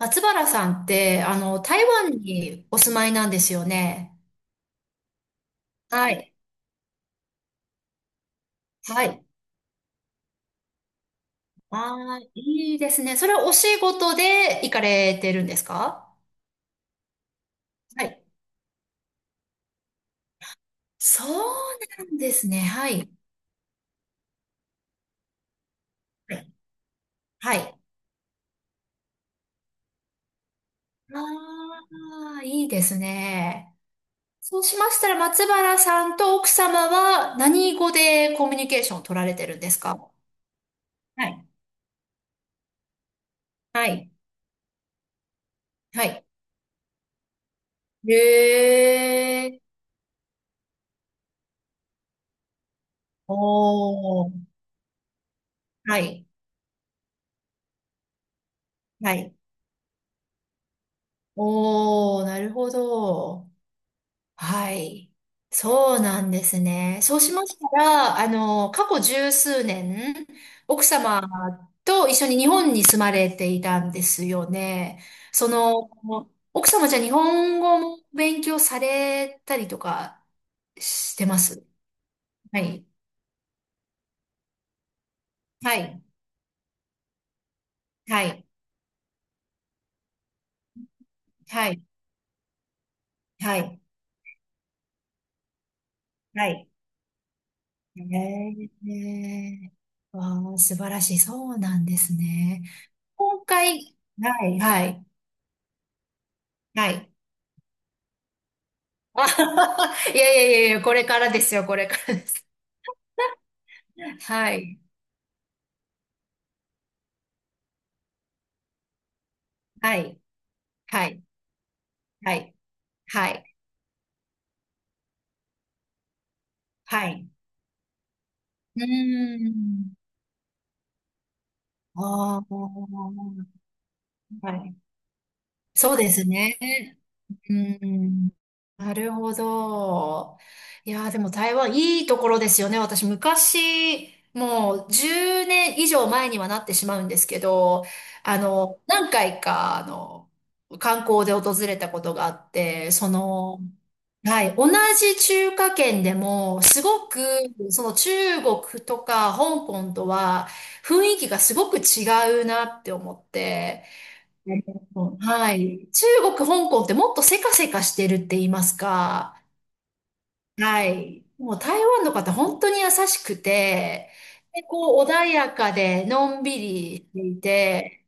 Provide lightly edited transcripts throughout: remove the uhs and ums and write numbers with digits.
松原さんって、台湾にお住まいなんですよね。はい。はい。ああ、いいですね。それはお仕事で行かれてるんですか？はい。そうなんですね。はい。はい。はい。ああ、いいですね。そうしましたら、松原さんと奥様は何語でコミュニケーションを取られてるんですか？はい。はい。はい。へえ。おー。はい。はい。おー、なるほど。はい。そうなんですね。そうしましたら、過去十数年、奥様と一緒に日本に住まれていたんですよね。その、奥様じゃ日本語も勉強されたりとかしてます？はい。はい。はい。はい。はい。はい。ええわあ、素晴らしい。そうなんですね。今回、はい、はい、はい。あはは、いやいやいやいや、これからですよ、これからです。はい、はい、はい、はい、はい、はい。うーん。ああ、はい。そうですね。うん。なるほど。いやー、でも台湾いいところですよね。私昔、もう10年以上前にはなってしまうんですけど、何回か、観光で訪れたことがあって、はい、同じ中華圏でも、すごく、その中国とか香港とは、雰囲気がすごく違うなって思って、なるほど、はい。中国、香港ってもっとせかせかしてるって言いますか。はい。もう台湾の方本当に優しくて、で、こう穏やかでのんびりしていて、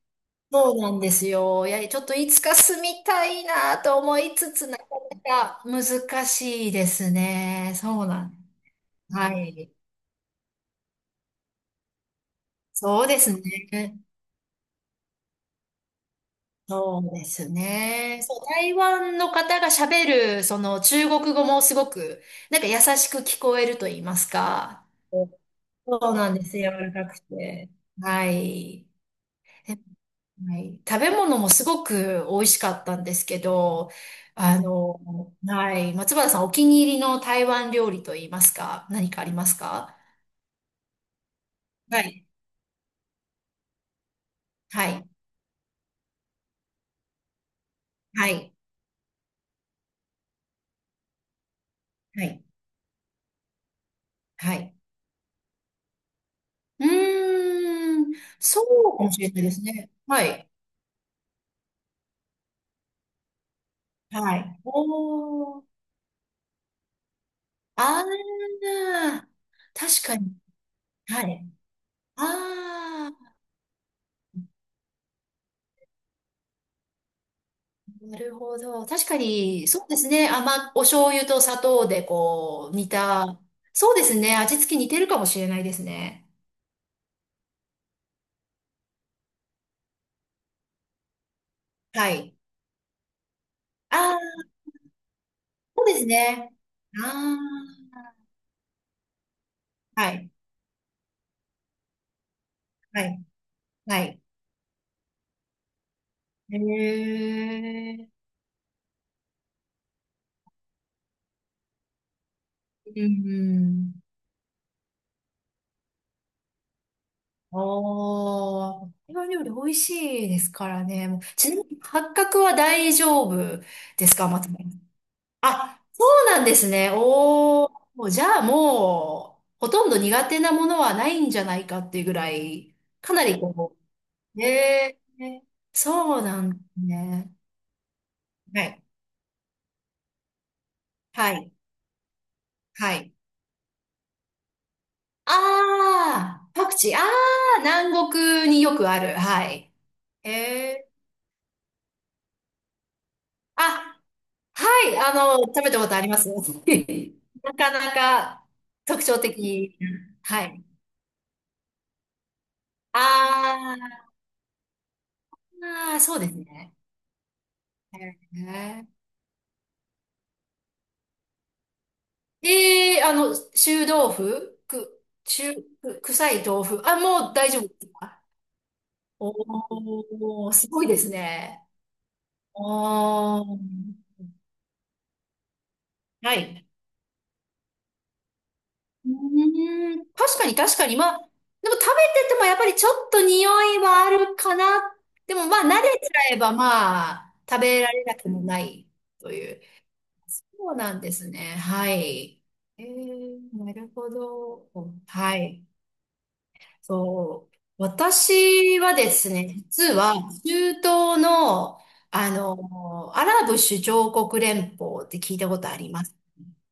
そうなんですよ。いや、ちょっといつか住みたいなと思いつつ、なかなか難しいですね。そうなん。はい。そうですね。そうですね。そう、台湾の方が喋る、その中国語もすごく、なんか優しく聞こえると言いますか。そうなんです。柔らかくて。はい。えはい。食べ物もすごく美味しかったんですけど、はい。松原さん、お気に入りの台湾料理と言いますか、何かありますか？はい。はい。はい。はい。はい。うーん。そうかもしれないですね。はい。はい。おー。ああ、確かに。はい。ああ、なるほど。確かに、そうですね。お醤油と砂糖でこう、煮た。そうですね。味付け似てるかもしれないですね。はい。ああ、そうですね。ああ、はい。はい。はい。へえ。うん。ああ、台湾料理美味しいですからね。もうちなみに、八角は大丈夫ですか、松本さん？あ、そうなんですね。おー、もうじゃあもう、ほとんど苦手なものはないんじゃないかっていうぐらい、かなりこう、ねえそうなんですね。はい、はい、はい。ああ、パクチー、ああ、南国によくある。はい。へえー、あ、はい、食べたことあります。 なかなか特徴的。はい。あー、あーそうですね。ええー、臭い豆腐。あ、もう大丈夫ですか？おー、すごいですね。おー、はい。うーん、確かに確かに。まあ、でも食べててもやっぱりちょっと匂いはあるかな。でもまあ慣れちゃえばまあ食べられなくもないという。そうなんですね。はい。なるほど。はい。そう、私はですね、実は中東の、アラブ首長国連邦って聞いたことあります？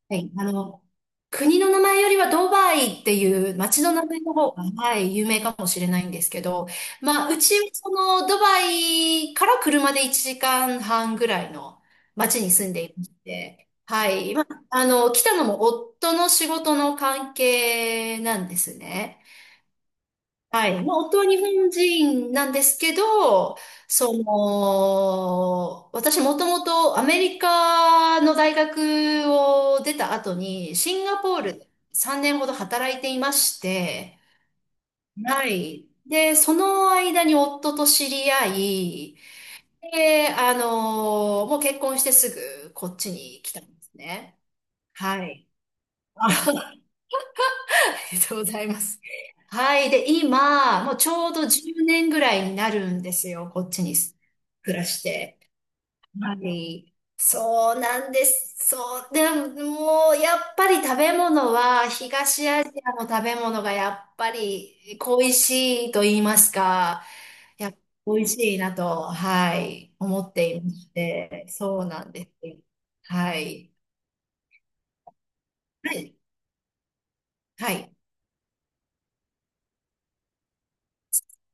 はい。国の名前よりはドバイっていう街の名前の方が、はい、有名かもしれないんですけど、まあ、うち、ドバイから車で1時間半ぐらいの街に住んでいまして、はい。まあ、来たのも夫の仕事の関係なんですね。はい。まあ、夫は日本人なんですけど、私もともとアメリカの大学を出た後に、シンガポールで3年ほど働いていまして、はい。で、その間に夫と知り合い、で、もう結婚してすぐこっちに来たんですね。はい。りがとうございます。はい。で、今、もうちょうど10年ぐらいになるんですよ。こっちに暮らして。はい。そうなんです。そう。でも、もう、やっぱり食べ物は、東アジアの食べ物がやっぱり恋しいと言いますか、やっぱ美味しいなと、はい、思っていまして、そうなんです。はい。はい。はい。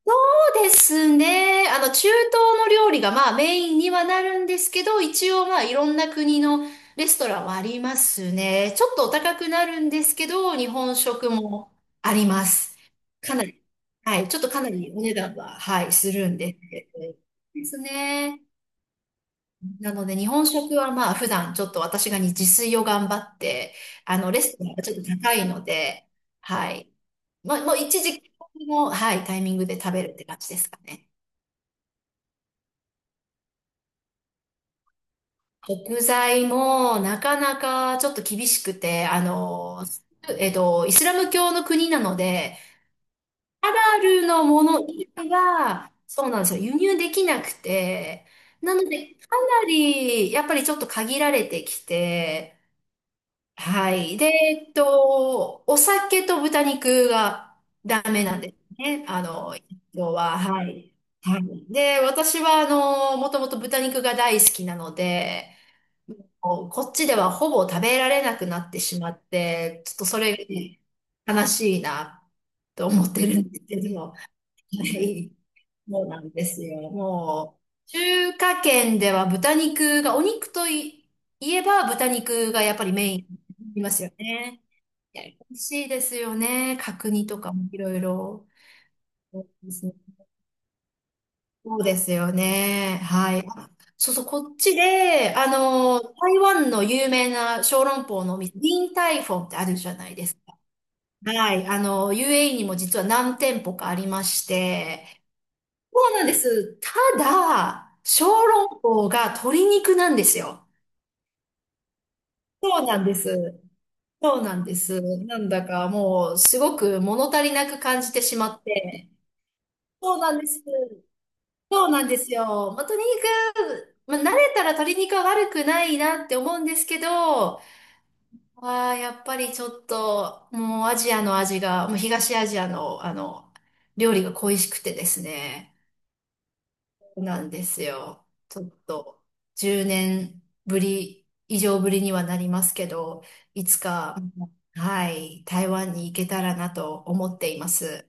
そうですね。中東の料理がまあメインにはなるんですけど、一応まあいろんな国のレストランはありますね。ちょっとお高くなるんですけど、日本食もあります。かなり、はい、ちょっとかなりお値段は、はい、するんですね。なので日本食はまあ普段ちょっと私がね自炊を頑張って、レストランがちょっと高いので、はい。まあ、もう一時期の、はい、タイミングで食べるって感じですかね。食材もなかなかちょっと厳しくて、イスラム教の国なので、ハラルのもの以外は、そうなんですよ、輸入できなくて、なので、かなり、やっぱりちょっと限られてきて、はい。で、お酒と豚肉がダメなんですね。要は、はい。はい。で、私は、もともと豚肉が大好きなので、こっちではほぼ食べられなくなってしまって、ちょっとそれが悲しいなと思ってるんですけど、はい、そうなんですよ。もう、中華圏では豚肉が、お肉とい、言えば豚肉がやっぱりメインになりますよね。いや、美味しいですよね。角煮とかもいろいろ。そうですね。そうですよね。はい。あ、そうそう、こっちで、台湾の有名な小籠包のお店、リンタイフォンってあるじゃないですか。はい。UAE にも実は何店舗かありまして、そうなんです。ただ、小籠包が鶏肉なんですよ。そうなんです。そうなんです。なんだかもう、すごく物足りなく感じてしまって。そうなんです。そうなんですよ。まあ、まあ、慣れたら鶏肉は悪くないなって思うんですけど、ああやっぱりちょっと、もうアジアの味が、もう東アジアの、料理が恋しくてですね、なんですよ。ちょっと、10年ぶり、以上ぶりにはなりますけど、いつか、はい、台湾に行けたらなと思っています。